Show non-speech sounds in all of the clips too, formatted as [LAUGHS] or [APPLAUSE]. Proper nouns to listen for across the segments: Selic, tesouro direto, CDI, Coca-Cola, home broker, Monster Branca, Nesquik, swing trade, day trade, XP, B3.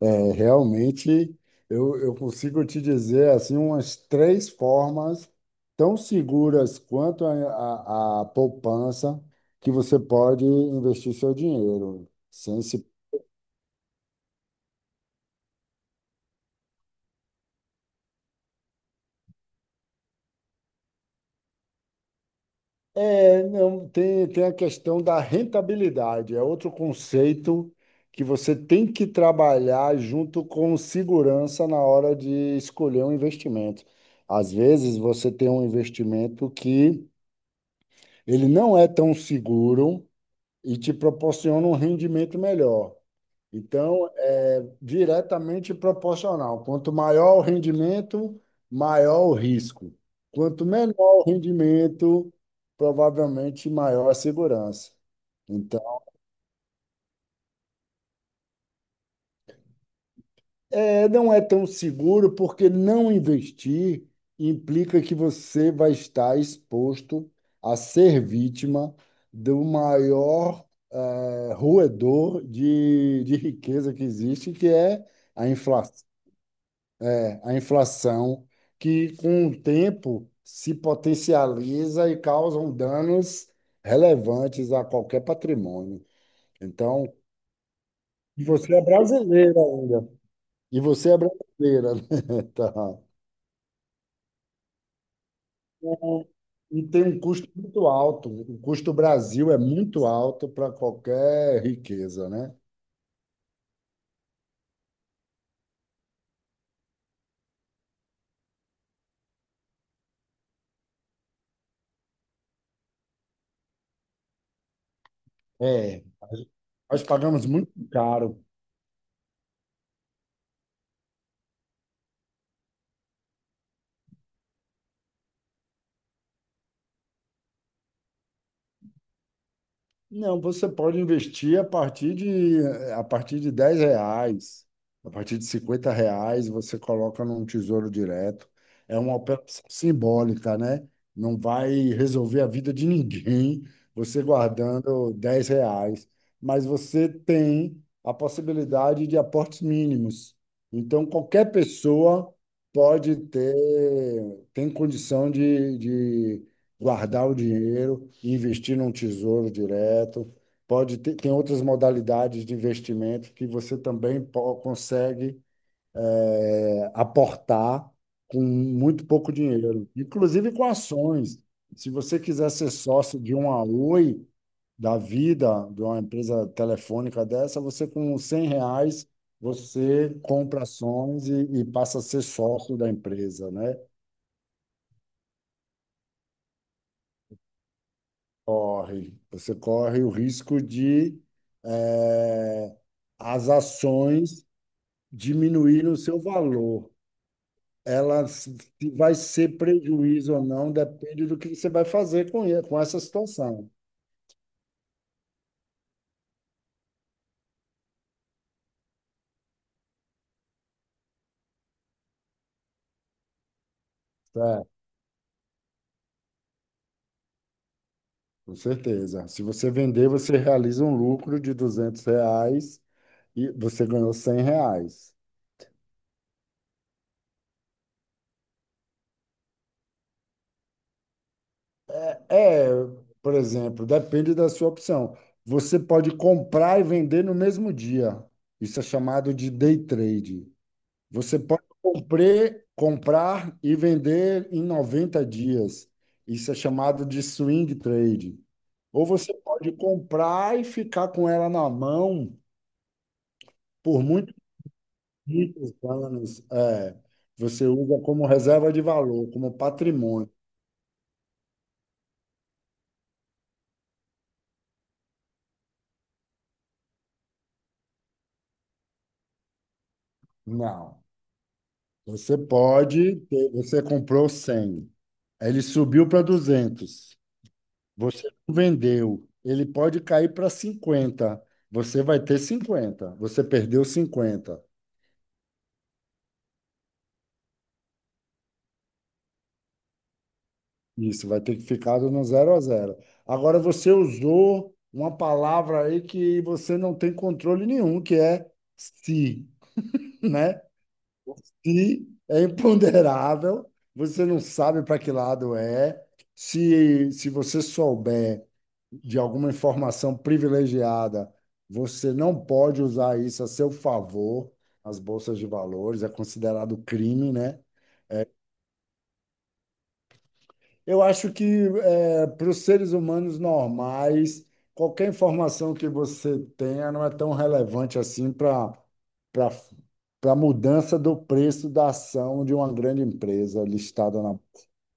É, realmente, eu consigo te dizer assim umas três formas tão seguras quanto a poupança que você pode investir seu dinheiro. Sem se... É, não, tem a questão da rentabilidade, é outro conceito que você tem que trabalhar junto com segurança na hora de escolher um investimento. Às vezes, você tem um investimento que ele não é tão seguro e te proporciona um rendimento melhor. Então, é diretamente proporcional. Quanto maior o rendimento, maior o risco. Quanto menor o rendimento, provavelmente maior a segurança. Então, é, não é tão seguro porque não investir implica que você vai estar exposto a ser vítima do maior roedor de riqueza que existe, que é a inflação, a inflação, que com o tempo se potencializa e causam danos relevantes a qualquer patrimônio. Então, e você é brasileira ainda. E você é brasileira, né? [LAUGHS] Tá. E tem um custo muito alto. O custo Brasil é muito alto para qualquer riqueza, né? É, nós pagamos muito caro. Não, você pode investir a partir de 10 reais, a partir de 50 reais, você coloca num tesouro direto. É uma operação simbólica, né? Não vai resolver a vida de ninguém você guardando 10 reais, mas você tem a possibilidade de aportes mínimos. Então, qualquer pessoa pode ter, tem condição de guardar o dinheiro e investir num tesouro direto. Pode ter, tem outras modalidades de investimento que você também consegue aportar com muito pouco dinheiro, inclusive com ações. Se você quiser ser sócio de uma Oi da vida, de uma empresa telefônica dessa, você com 100 reais, você compra ações e passa a ser sócio da empresa, né? Corre, você corre o risco de eh, as ações diminuírem o seu valor. Ela se vai ser prejuízo ou não, depende do que você vai fazer com essa situação. Certo, com certeza. Se você vender, você realiza um lucro de 200 reais e você ganhou 100 reais. É, por exemplo, depende da sua opção. Você pode comprar e vender no mesmo dia. Isso é chamado de day trade. Você pode comprar e vender em 90 dias. Isso é chamado de swing trade. Ou você pode comprar e ficar com ela na mão por muitos, muitos anos. É, você usa como reserva de valor, como patrimônio. Não. Você pode ter, você comprou 100, aí ele subiu para 200. Você não vendeu. Ele pode cair para 50. Você vai ter 50. Você perdeu 50. Isso, vai ter que ficar no zero a zero. Agora você usou uma palavra aí que você não tem controle nenhum, que é se, né? E é imponderável, você não sabe para que lado é. Se você souber de alguma informação privilegiada, você não pode usar isso a seu favor. As bolsas de valores é considerado crime, né? Eu acho que é, para os seres humanos normais, qualquer informação que você tenha não é tão relevante assim para a mudança do preço da ação de uma grande empresa listada na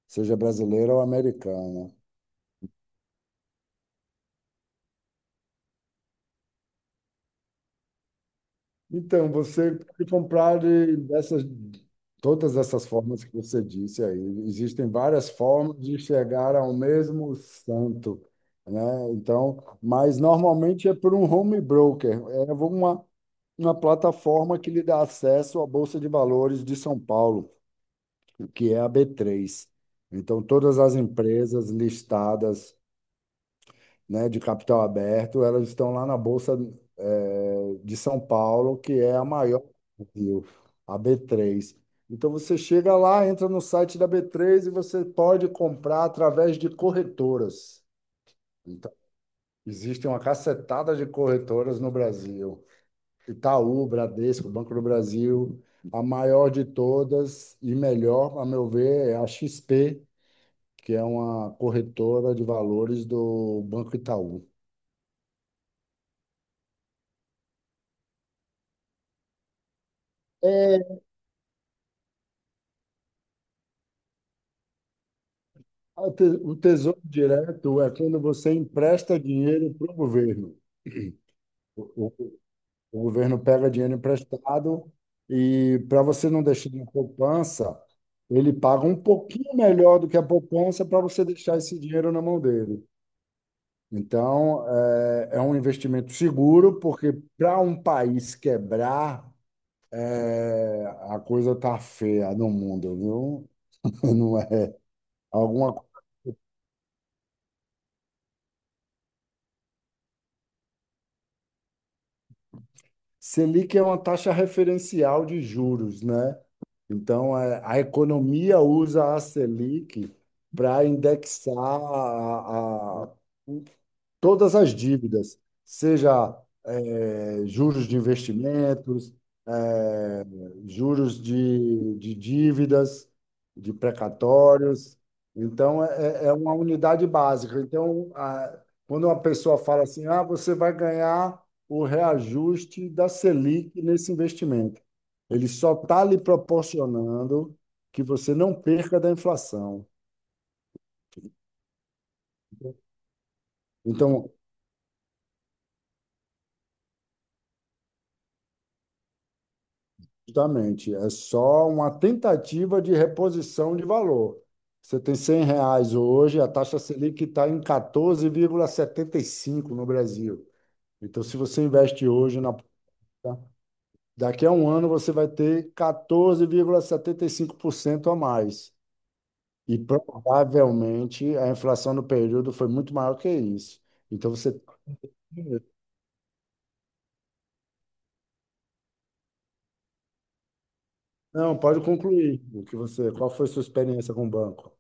seja brasileira ou americana. Então, você pode comprar dessas, todas essas formas que você disse aí. Existem várias formas de chegar ao mesmo santo, né? Então, mas normalmente é por um home broker, é uma plataforma que lhe dá acesso à Bolsa de Valores de São Paulo, que é a B3. Então, todas as empresas listadas né, de capital aberto, elas estão lá na Bolsa, de São Paulo, que é a maior do Brasil, a B3. Então você chega lá, entra no site da B3 e você pode comprar através de corretoras. Então, existem uma cacetada de corretoras no Brasil. Itaú, Bradesco, Banco do Brasil, a maior de todas e melhor, a meu ver, é a XP, que é uma corretora de valores do Banco Itaú. É. O te- o Tesouro Direto é quando você empresta dinheiro para o governo. O, o- o governo pega dinheiro emprestado e, para você não deixar na poupança, ele paga um pouquinho melhor do que a poupança para você deixar esse dinheiro na mão dele. Então, é, é um investimento seguro, porque para um país quebrar, é, a coisa tá feia no mundo, viu? [LAUGHS] Não é. Alguma Selic é uma taxa referencial de juros, né? Então, é, a economia usa a Selic para indexar todas as dívidas, seja juros de investimentos, eh, juros de dívidas, de precatórios. Então, é uma unidade básica. Então, quando uma pessoa fala assim, ah, você vai ganhar o reajuste da Selic nesse investimento, ele só está lhe proporcionando que você não perca da inflação. Então, justamente, é só uma tentativa de reposição de valor. Você tem 100 reais hoje, a taxa Selic está em 14,75 no Brasil. Então, se você investe hoje na bolsa, daqui a um ano você vai ter 14,75% a mais. E provavelmente a inflação no período foi muito maior que isso. Então você. Não, pode concluir o que você. Qual foi sua experiência com o banco?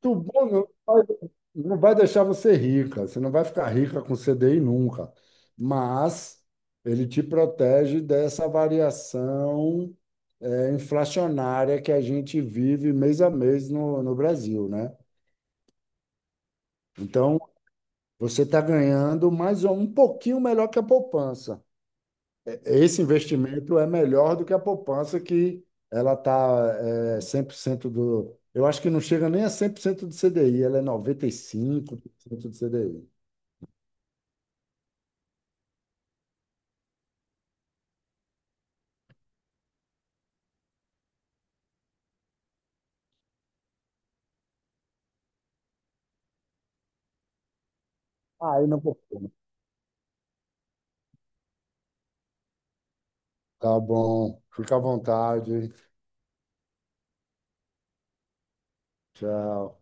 Tubão não vai, não vai deixar você rica, você não vai ficar rica com CDI nunca, mas ele te protege dessa variação é, inflacionária que a gente vive mês a mês no Brasil, né? Então, você está ganhando um pouquinho melhor que a poupança. Esse investimento é melhor do que a poupança, que ela está é, 100% do. Eu acho que não chega nem a 100% do CDI, ela é 95% do CDI. Aí não por. Tá bom. Fica à vontade. Tchau.